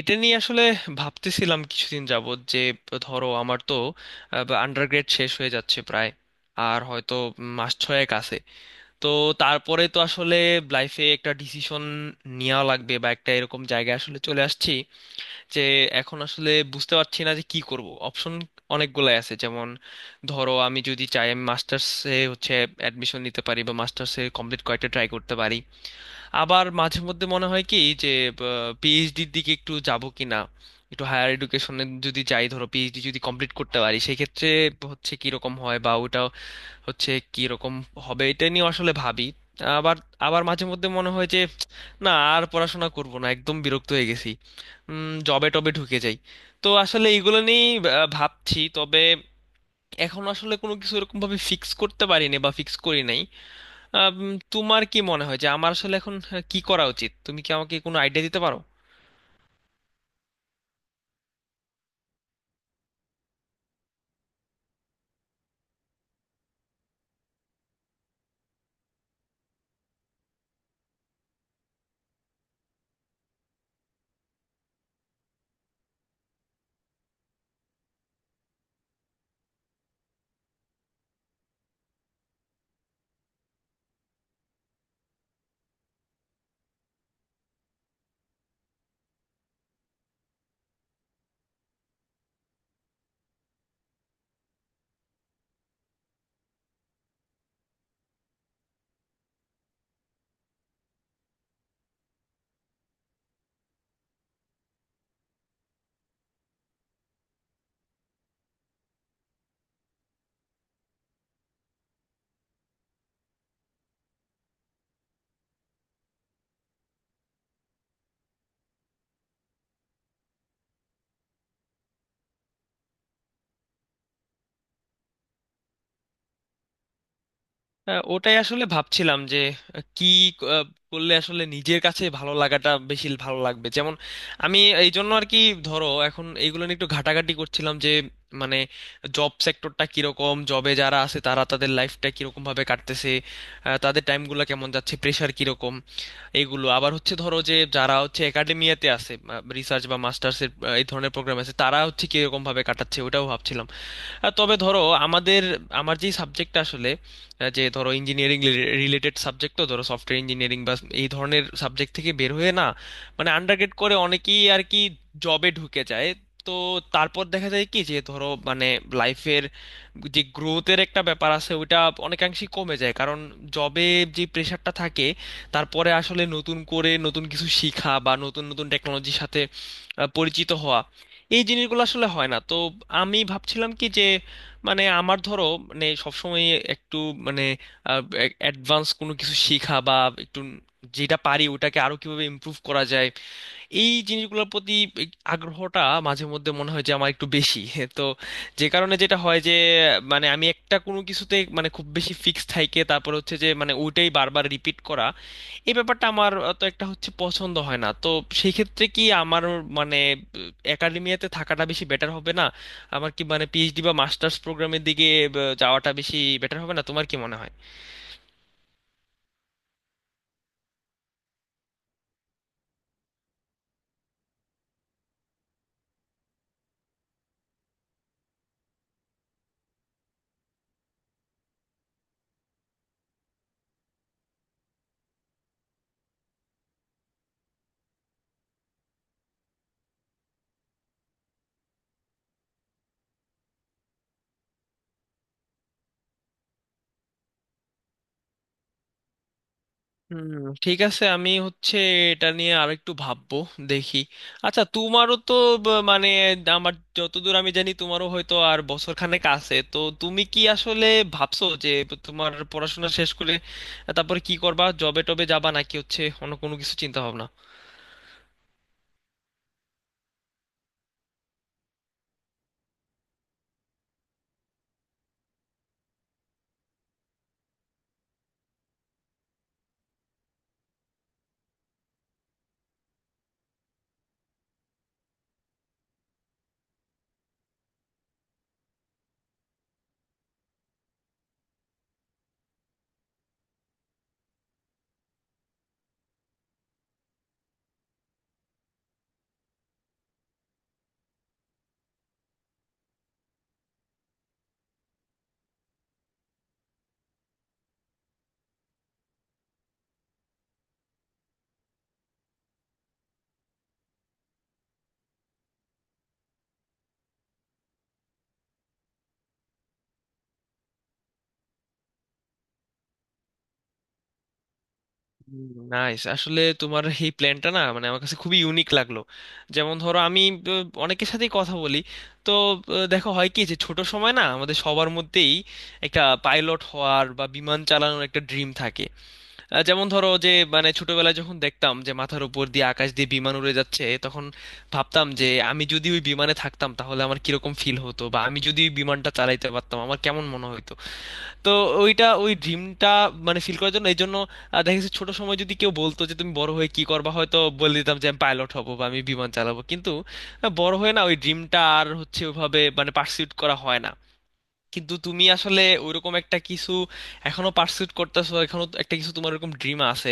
এটা নিয়ে আসলে ভাবতেছিলাম কিছুদিন যাবত যে ধরো আমার তো আন্ডারগ্রেড শেষ হয়ে যাচ্ছে প্রায়, আর হয়তো মাস ছয়েক আছে। তো তারপরে তো আসলে লাইফে একটা ডিসিশন নেওয়া লাগবে, বা একটা এরকম জায়গায় আসলে চলে আসছি যে এখন আসলে বুঝতে পারছি না যে কি করব। অপশন অনেকগুলাই আছে, যেমন ধরো আমি যদি চাই আমি মাস্টার্সে হচ্ছে অ্যাডমিশন নিতে পারি বা মাস্টার্সে কমপ্লিট কয়েকটা ট্রাই করতে পারি। আবার মাঝে মধ্যে মনে হয় কি যে পিএইচডির দিকে একটু যাব কিনা, একটু হায়ার এডুকেশনে যদি যাই, ধরো পিএইচডি যদি কমপ্লিট করতে পারি সেই ক্ষেত্রে হচ্ছে কি রকম হয় বা ওটা হচ্ছে কি রকম হবে, এটা নিয়ে আসলে ভাবি। আবার আবার মাঝে মধ্যে মনে হয় যে না আর পড়াশোনা করব না, একদম বিরক্ত হয়ে গেছি, জবে টবে ঢুকে যাই। তো আসলে এগুলো নিয়েই ভাবছি, তবে এখন আসলে কোনো কিছু এরকম ভাবে ফিক্স করতে পারিনি বা ফিক্স করি নাই। আম, তোমার কি মনে হয় যে আমার আসলে এখন কি করা উচিত? তুমি কি আমাকে কোনো আইডিয়া দিতে পারো? হ্যাঁ, ওটাই আসলে ভাবছিলাম যে আহ, কি আহ, করলে আসলে নিজের কাছে ভালো লাগাটা বেশি ভালো লাগবে। যেমন আমি এই জন্য আর কি ধরো এখন এইগুলো নিয়ে একটু ঘাটাঘাটি করছিলাম যে মানে জব সেক্টরটা কিরকম, জবে যারা আছে তারা তাদের লাইফটা কিরকম ভাবে কাটতেছে, তাদের টাইমগুলো কেমন যাচ্ছে, প্রেশার কিরকম। এইগুলো, আবার হচ্ছে ধরো যে যারা হচ্ছে একাডেমিয়াতে আছে, রিসার্চ বা মাস্টার্সের এই ধরনের প্রোগ্রাম আছে, তারা হচ্ছে কিরকম ভাবে কাটাচ্ছে ওটাও ভাবছিলাম। তবে ধরো আমাদের আমার যেই সাবজেক্টটা আসলে, যে ধরো ইঞ্জিনিয়ারিং রিলেটেড সাবজেক্ট, তো ধরো সফটওয়্যার ইঞ্জিনিয়ারিং বা এই ধরনের সাবজেক্ট থেকে বের হয়ে না, মানে আন্ডারগ্রেড করে অনেকেই আর কি জবে ঢুকে যায়। তো তারপর দেখা যায় কি যে ধরো মানে লাইফের যে গ্রোথের একটা ব্যাপার আছে ওইটা অনেকাংশেই কমে যায়, কারণ জবে যে প্রেশারটা থাকে তারপরে আসলে নতুন করে নতুন কিছু শেখা বা নতুন নতুন টেকনোলজির সাথে পরিচিত হওয়া এই জিনিসগুলো আসলে হয় না। তো আমি ভাবছিলাম কি যে মানে আমার ধরো মানে সবসময় একটু মানে অ্যাডভান্স কোনো কিছু শেখা বা একটু যেটা পারি ওটাকে আরো কিভাবে ইমপ্রুভ করা যায়, এই জিনিসগুলোর প্রতি আগ্রহটা মাঝে মধ্যে মনে হয় যে আমার একটু বেশি তো যে কারণে যেটা হয় যে মানে আমি একটা কোনো কিছুতে মানে খুব বেশি ফিক্স থাইকে তারপর হচ্ছে যে মানে ওইটাই বারবার রিপিট করা, এই ব্যাপারটা আমার তো একটা হচ্ছে পছন্দ হয় না। তো সেই ক্ষেত্রে কি আমার মানে একাডেমিয়াতে থাকাটা বেশি বেটার হবে না? আমার কি মানে পিএইচডি বা মাস্টার্স প্রোগ্রামের দিকে যাওয়াটা বেশি বেটার হবে না? তোমার কি মনে হয়? হুম, ঠিক আছে, আমি হচ্ছে এটা নিয়ে আরেকটু ভাববো, দেখি। আচ্ছা তোমারও তো মানে, আমার যতদূর আমি জানি তোমারও হয়তো আর বছর খানেক আছে। তো তুমি কি আসলে ভাবছো যে তোমার পড়াশোনা শেষ করে তারপরে কি করবা, জবে টবে যাবা নাকি হচ্ছে অন্য কোনো কিছু চিন্তা ভাবনা? নাইস, আসলে তোমার এই প্ল্যানটা না মানে আমার কাছে খুবই ইউনিক লাগলো। যেমন ধরো আমি অনেকের সাথেই কথা বলি। তো দেখো হয় কি যে ছোট সময় না আমাদের সবার মধ্যেই একটা পাইলট হওয়ার বা বিমান চালানোর একটা ড্রিম থাকে। যেমন ধরো যে মানে ছোটবেলায় যখন দেখতাম যে মাথার উপর দিয়ে আকাশ দিয়ে বিমান উড়ে যাচ্ছে তখন ভাবতাম যে আমি যদি ওই বিমানে থাকতাম তাহলে আমার কিরকম ফিল হতো, বা আমি যদি ওই বিমানটা চালাইতে পারতাম আমার কেমন মনে হতো। তো ওইটা ওই ড্রিমটা মানে ফিল করার জন্য এই জন্য দেখা গেছে ছোট সময় যদি কেউ বলতো যে তুমি বড় হয়ে কি করবা হয়তো বলে দিতাম যে আমি পাইলট হব বা আমি বিমান চালাবো, কিন্তু বড় হয়ে না ওই ড্রিমটা আর হচ্ছে ওইভাবে মানে পার্সিউট করা হয় না। কিন্তু তুমি আসলে ওইরকম একটা কিছু এখনো পার্সুট করতেছো, এখনো তো একটা কিছু তোমার ওরকম ড্রিম আছে,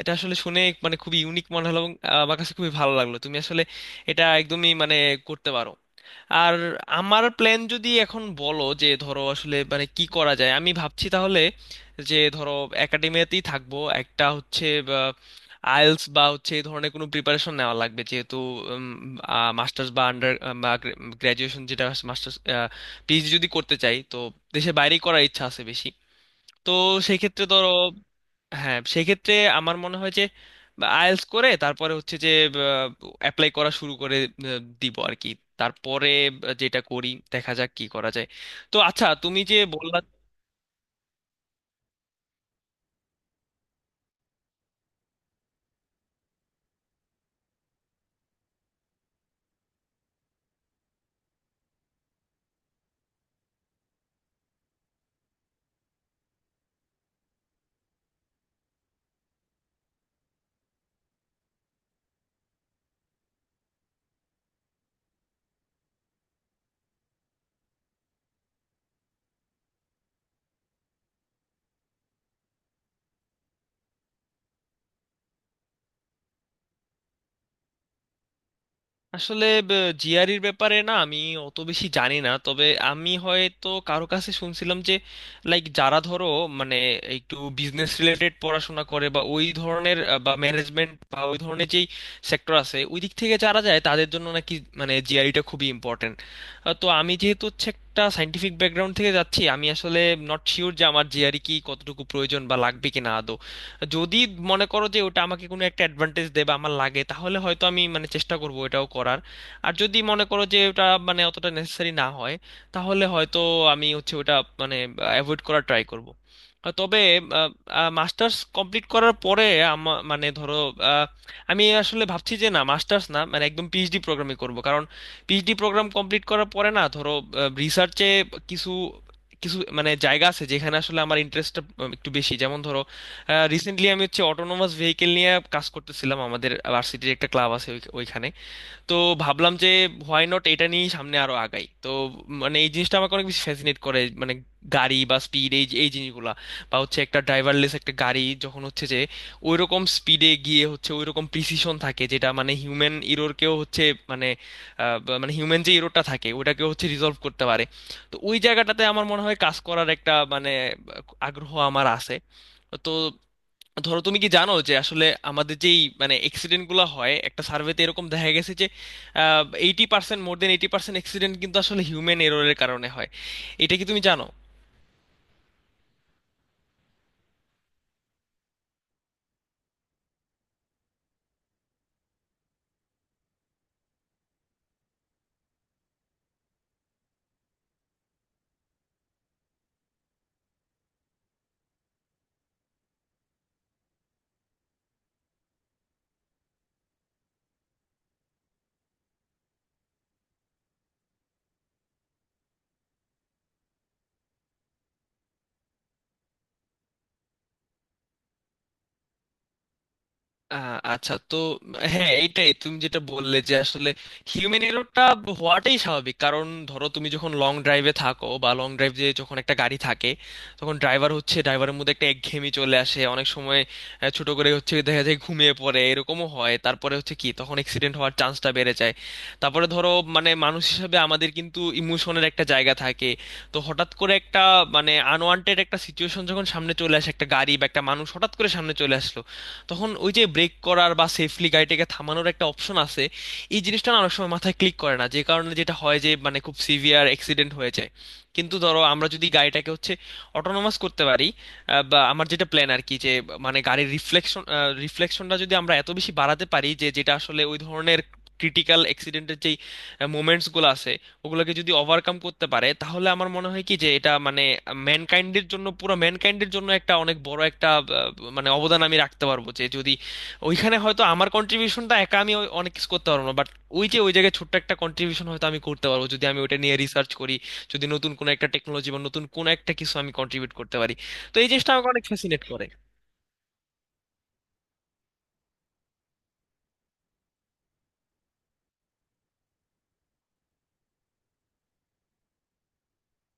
এটা আসলে শুনে মানে খুবই ইউনিক মনে হলো এবং আমার কাছে খুবই ভালো লাগলো। তুমি আসলে এটা একদমই মানে করতে পারো। আর আমার প্ল্যান যদি এখন বলো যে ধরো আসলে মানে কি করা যায় আমি ভাবছি, তাহলে যে ধরো একাডেমিয়াতেই থাকবো, একটা হচ্ছে আইএলস বা হচ্ছে এই ধরনের কোনো প্রিপারেশন নেওয়া লাগবে, যেহেতু মাস্টার্স বা আন্ডার গ্র্যাজুয়েশন যেটা মাস্টার্স পিএইচডি যদি করতে চাই তো দেশের বাইরেই করার ইচ্ছা আছে বেশি। তো সেক্ষেত্রে ধরো, হ্যাঁ সেক্ষেত্রে আমার মনে হয় যে আইএলটিএস করে তারপরে হচ্ছে যে অ্যাপ্লাই করা শুরু করে দিব আর কি। তারপরে যেটা করি দেখা যাক কি করা যায়। তো আচ্ছা তুমি যে বললা, আসলে জিআরির ব্যাপারে না আমি অত বেশি জানি না, তবে আমি হয়তো কারো কাছে শুনছিলাম যে লাইক যারা ধরো মানে একটু বিজনেস রিলেটেড পড়াশোনা করে বা ওই ধরনের বা ম্যানেজমেন্ট বা ওই ধরনের যেই সেক্টর আছে ওই দিক থেকে যারা যায় তাদের জন্য নাকি মানে জিআরিটা খুবই ইম্পর্টেন্ট। তো আমি যেহেতু হচ্ছে একটা সাইন্টিফিক ব্যাকগ্রাউন্ড থেকে যাচ্ছি, আমি আসলে নট শিওর যে আমার জিআরি কি কতটুকু প্রয়োজন বা লাগবে কিনা না। যদি মনে করো যে ওটা আমাকে কোনো একটা অ্যাডভান্টেজ দেবে আমার লাগে তাহলে হয়তো আমি মানে চেষ্টা করব এটাও করার। আর যদি মনে করো যে ওটা মানে অতটা নেসেসারি না হয় তাহলে হয়তো আমি হচ্ছে ওটা মানে অ্যাভয়েড করার ট্রাই করব। তবে মাস্টার্স কমপ্লিট করার পরে মানে ধরো আহ, আমি আসলে ভাবছি যে না মাস্টার্স না মানে একদম পিএইচডি প্রোগ্রামই করব, কারণ পিএইচডি প্রোগ্রাম কমপ্লিট করার পরে না ধরো রিসার্চে কিছু কিছু মানে জায়গা আছে যেখানে আসলে আমার ইন্টারেস্টটা একটু বেশি। যেমন ধরো রিসেন্টলি আমি হচ্ছে অটোনোমাস ভেহিকেল নিয়ে কাজ করতেছিলাম, আমাদের ভার্সিটির একটা ক্লাব আছে ওইখানে। তো ভাবলাম যে হোয়াই নট এটা নিয়ে সামনে আরো আগাই। তো মানে এই জিনিসটা আমাকে অনেক বেশি ফ্যাসিনেট করে, মানে গাড়ি বা স্পিড এই এই জিনিসগুলা, বা হচ্ছে একটা ড্রাইভারলেস একটা গাড়ি যখন হচ্ছে যে ওই রকম স্পিডে গিয়ে হচ্ছে ওই রকম প্রিসিশন থাকে যেটা মানে হিউম্যান ইরোরকেও হচ্ছে মানে মানে হিউম্যান যে ইরোরটা থাকে ওটাকেও হচ্ছে রিজলভ করতে পারে। তো ওই জায়গাটাতে আমার মনে হয় কাজ করার একটা মানে আগ্রহ আমার আছে। তো ধরো তুমি কি জানো যে আসলে আমাদের যেই মানে অ্যাক্সিডেন্ট গুলো হয় একটা সার্ভেতে এরকম দেখা গেছে যে 80%, মোর দেন 80% অ্যাক্সিডেন্ট কিন্তু আসলে হিউম্যান এররের কারণে হয়। এটা কি তুমি জানো? আচ্ছা তো, হ্যাঁ এইটাই তুমি যেটা বললে যে আসলে হিউম্যান এররটা হওয়াটাই স্বাভাবিক, কারণ ধরো তুমি যখন লং ড্রাইভে থাকো বা লং ড্রাইভ যে যখন একটা গাড়ি থাকে তখন ড্রাইভার হচ্ছে ড্রাইভারের মধ্যে একটা একঘেয়েমি চলে আসে অনেক সময়। ছোট করে হচ্ছে দেখা যায় ঘুমিয়ে পড়ে এরকমও হয়, তারপরে হচ্ছে কি তখন অ্যাক্সিডেন্ট হওয়ার চান্সটা বেড়ে যায়। তারপরে ধরো মানে মানুষ হিসেবে আমাদের কিন্তু ইমোশনের একটা জায়গা থাকে। তো হঠাৎ করে একটা মানে আনওয়ান্টেড একটা সিচুয়েশন যখন সামনে চলে আসে, একটা গাড়ি বা একটা মানুষ হঠাৎ করে সামনে চলে আসলো, তখন ওই যে ব্রেক করার বা সেফলি গাড়িটাকে থামানোর একটা অপশন আছে, এই জিনিসটা না অনেক সময় মাথায় ক্লিক করে না, যে কারণে যেটা হয় যে মানে খুব সিভিয়ার অ্যাক্সিডেন্ট হয়ে যায়। কিন্তু ধরো আমরা যদি গাড়িটাকে হচ্ছে অটোনোমাস করতে পারি, বা আমার যেটা প্ল্যান আর কি যে মানে গাড়ির রিফ্লেকশন রিফ্লেকশনটা যদি আমরা এত বেশি বাড়াতে পারি যে যেটা আসলে ওই ধরনের ক্রিটিক্যাল অ্যাক্সিডেন্টের যেই মোমেন্টসগুলো আছে ওগুলোকে যদি ওভারকাম করতে পারে তাহলে আমার মনে হয় কি যে এটা মানে ম্যানকাইন্ডের জন্য, পুরো ম্যানকাইন্ডের জন্য একটা অনেক বড় একটা মানে অবদান আমি রাখতে পারবো। যে যদি ওইখানে হয়তো আমার কন্ট্রিবিউশনটা, একা আমি অনেক কিছু করতে পারবো না, বাট ওই যে ওই জায়গায় ছোট্ট একটা কন্ট্রিবিউশন হয়তো আমি করতে পারবো যদি আমি ওইটা নিয়ে রিসার্চ করি, যদি নতুন কোনো একটা টেকনোলজি বা নতুন কোনো একটা কিছু আমি কন্ট্রিবিউট করতে পারি। তো এই জিনিসটা আমাকে অনেক ফ্যাসিনেট করে।